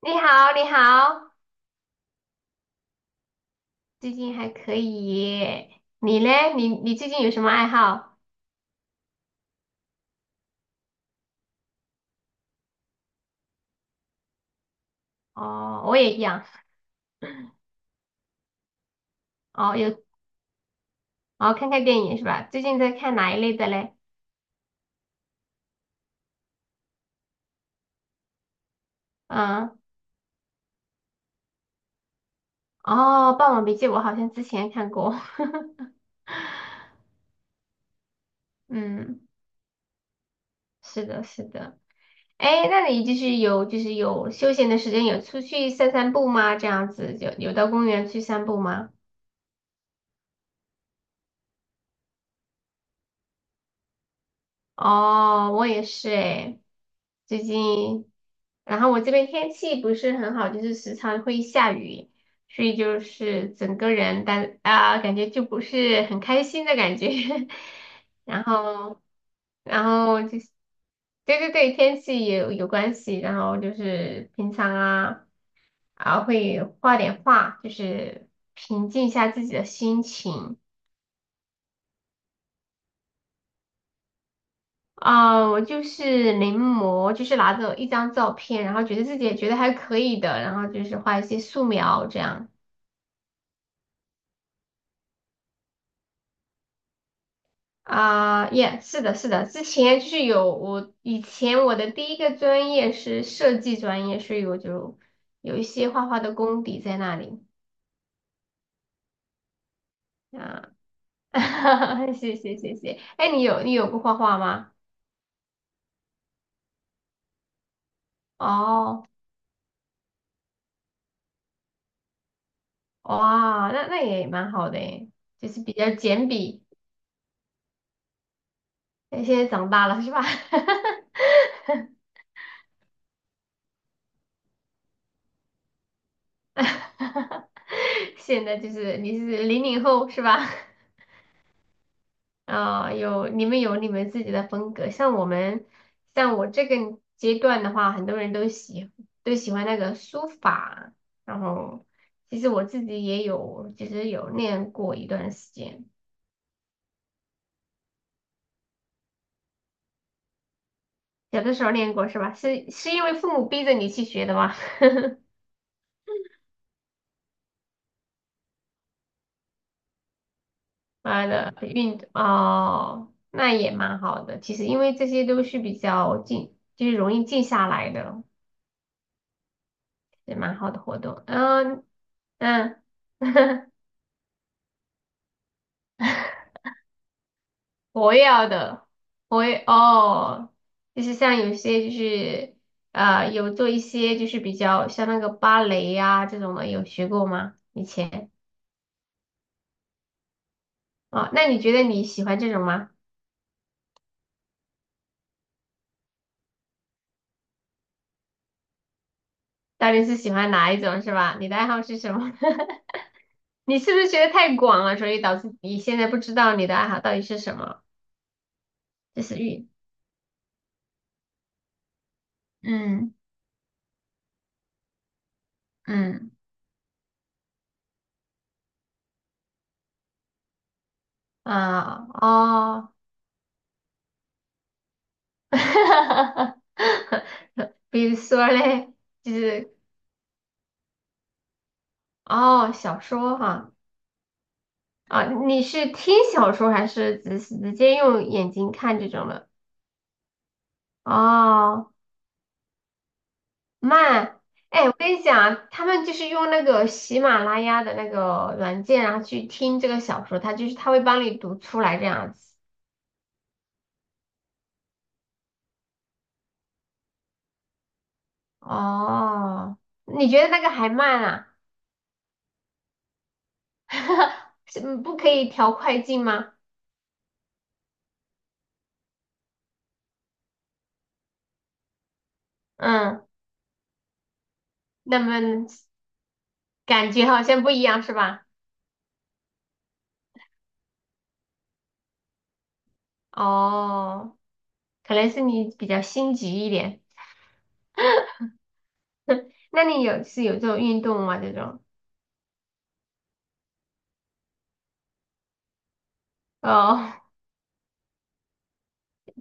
你好，你好，最近还可以耶你嘞？你最近有什么爱好？哦，我也一样。哦，有哦，看看电影是吧？最近在看哪一类的嘞？嗯，哦，《霸王别姬》我好像之前看过。嗯，是的，是的。哎，那你就是有休闲的时间，有出去散散步吗？这样子，有到公园去散步吗？哦，我也是诶，最近，然后我这边天气不是很好，就是时常会下雨，所以就是整个人感觉就不是很开心的感觉，然后就是对对对，天气也有关系，然后就是平常啊会画点画，就是平静一下自己的心情。我就是临摹，就是拿着一张照片，然后觉得自己也觉得还可以的，然后就是画一些素描这样。啊，耶，是的，是的，之前就是有我以前我的第一个专业是设计专业，所以我就有一些画画的功底在那里啊。谢谢谢谢，哎，你有过画画吗？哦，哇，那也蛮好的诶，就是比较简笔。现在长大了是吧？现在就是你是零零后是吧？有你们有你们自己的风格，像我这个阶段的话，很多人都喜欢那个书法，然后其实我自己也有，其实有练过一段时间，小的时候练过是吧？是因为父母逼着你去学的吗？妈的，运动哦，那也蛮好的。其实因为这些都是比较静，就是容易静下来的。也蛮好的活动。嗯嗯，活跃的，活跃哦，就是像有些就是有做一些就是比较像那个芭蕾呀、这种的，有学过吗？以前啊，那你觉得你喜欢这种吗？到底是喜欢哪一种是吧？你的爱好是什么？你是不是觉得太广了，所以导致你现在不知道你的爱好到底是什么？就是运，嗯嗯啊哦，哈哈哈哈比如说嘞，就是哦，小说哈啊，你是听小说还是直接用眼睛看这种的？哦，慢，哎，我跟你讲啊，他们就是用那个喜马拉雅的那个软件，然后去听这个小说，它就是它会帮你读出来这样子。哦，你觉得那个还慢啊？是不可以调快进吗？嗯，那么感觉好像不一样是吧？哦。可能是你比较心急一点。那你是有这种运动吗？这种哦，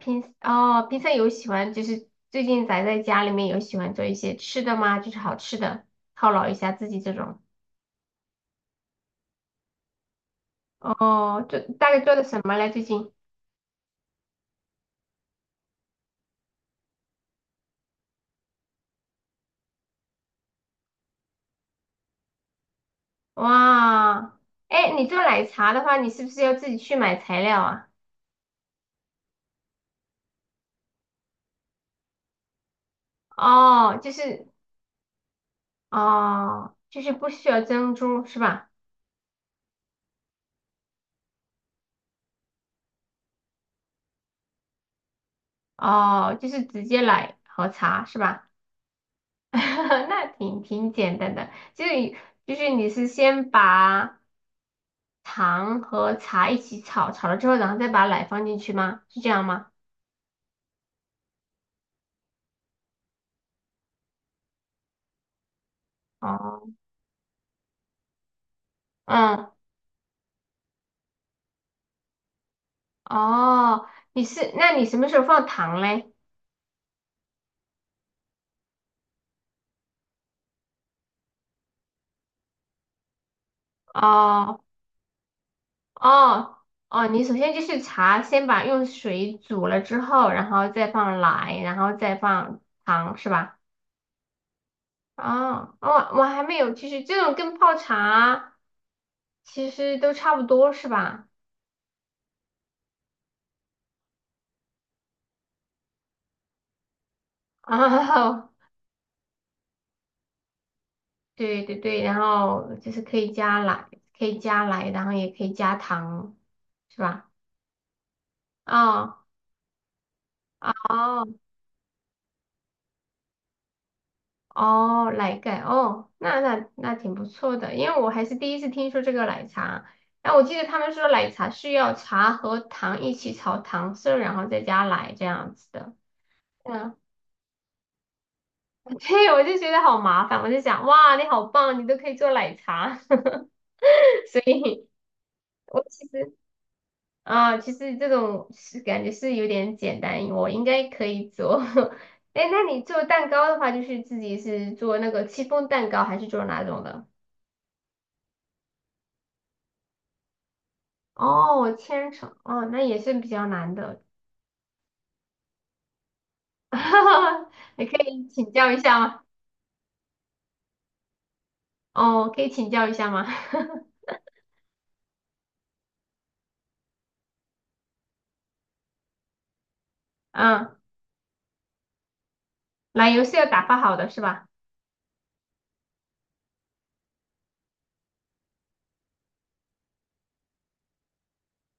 平常有喜欢就是最近宅在家里面有喜欢做一些吃的吗？就是好吃的犒劳一下自己这种。哦，大概做的什么嘞？最近哇，哎，你做奶茶的话，你是不是要自己去买材料啊？哦，就是不需要珍珠是吧？哦，就是直接奶和茶是吧？那挺挺简单的，就是你是先把糖和茶一起炒，炒了之后，然后再把奶放进去吗？是这样吗？哦，嗯，哦，那你什么时候放糖嘞？哦，哦，哦，你首先就是茶，先把用水煮了之后，然后再放奶，然后再放糖，是吧？哦，我还没有，就是这种跟泡茶其实都差不多，是吧？哦对对对，然后就是可以加奶，可以加奶，然后也可以加糖，是吧？哦哦哦，奶盖哦，那挺不错的，因为我还是第一次听说这个奶茶。然后我记得他们说奶茶需要茶和糖一起炒糖色，然后再加奶这样子的。嗯，对，我就觉得好麻烦，我就想，哇，你好棒，你都可以做奶茶，所以。我其实。啊，其实这种是感觉是有点简单，我应该可以做。哎那你做蛋糕的话，就是自己是做那个戚风蛋糕，还是做哪种的？哦，千层，哦，那也是比较难的。你可以请教一下吗？哦，可以请教一下吗？嗯，奶油是要打发好的是吧？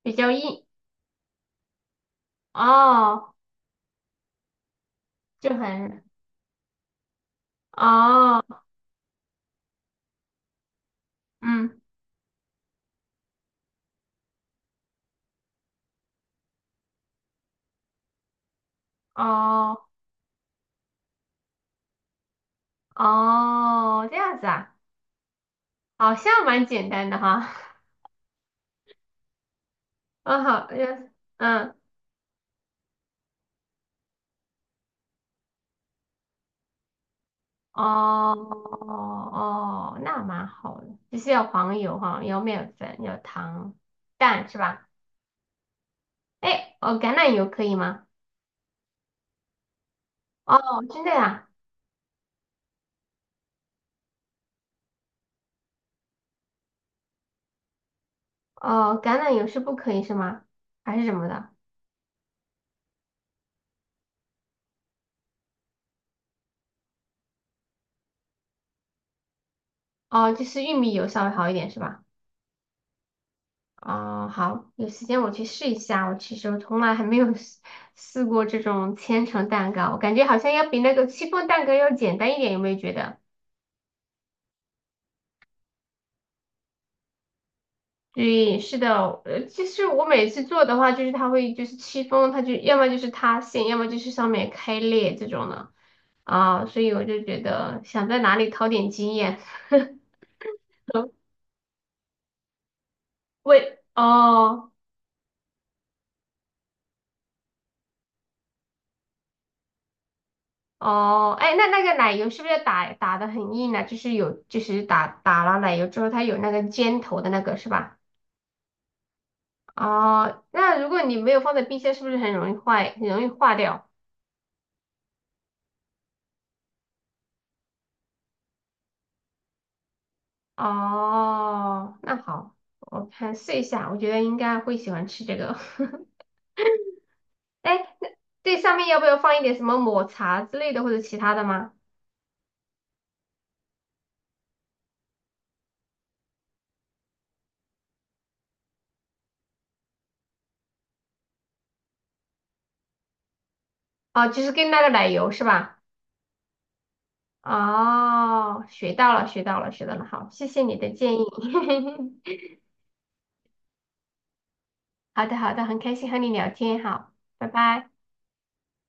比较硬，哦，就很，哦，嗯，哦，哦，这样子啊，好像蛮简单的哈。嗯，好，嗯嗯，哦哦，那蛮好的，就是要黄油哈，要面粉，要糖、蛋是吧？哎，哦，橄榄油可以吗？哦，真的呀？哦，橄榄油是不可以是吗？还是什么的？哦，就是玉米油稍微好一点是吧？哦，好，有时间我去试一下。我其实我从来还没有试过这种千层蛋糕，我感觉好像要比那个戚风蛋糕要简单一点，有没有觉得？对，是的，其实我每次做的话，就是它会就是戚风，它就要么就是塌陷，要么就是上面开裂这种的啊，所以我就觉得想在哪里淘点经验。喂，哦哦，哎，那那个奶油是不是打的很硬呢？就是有打了奶油之后，它有那个尖头的那个是吧？哦，那如果你没有放在冰箱，是不是很容易坏，很容易化掉？哦，那好，我看试一下，我觉得应该会喜欢吃这个。哎，那这上面要不要放一点什么抹茶之类的或者其他的吗？哦，就是跟那个奶油是吧？哦，学到了，学到了，学到了。好，谢谢你的建议。好的，好的，很开心和你聊天。好，拜拜。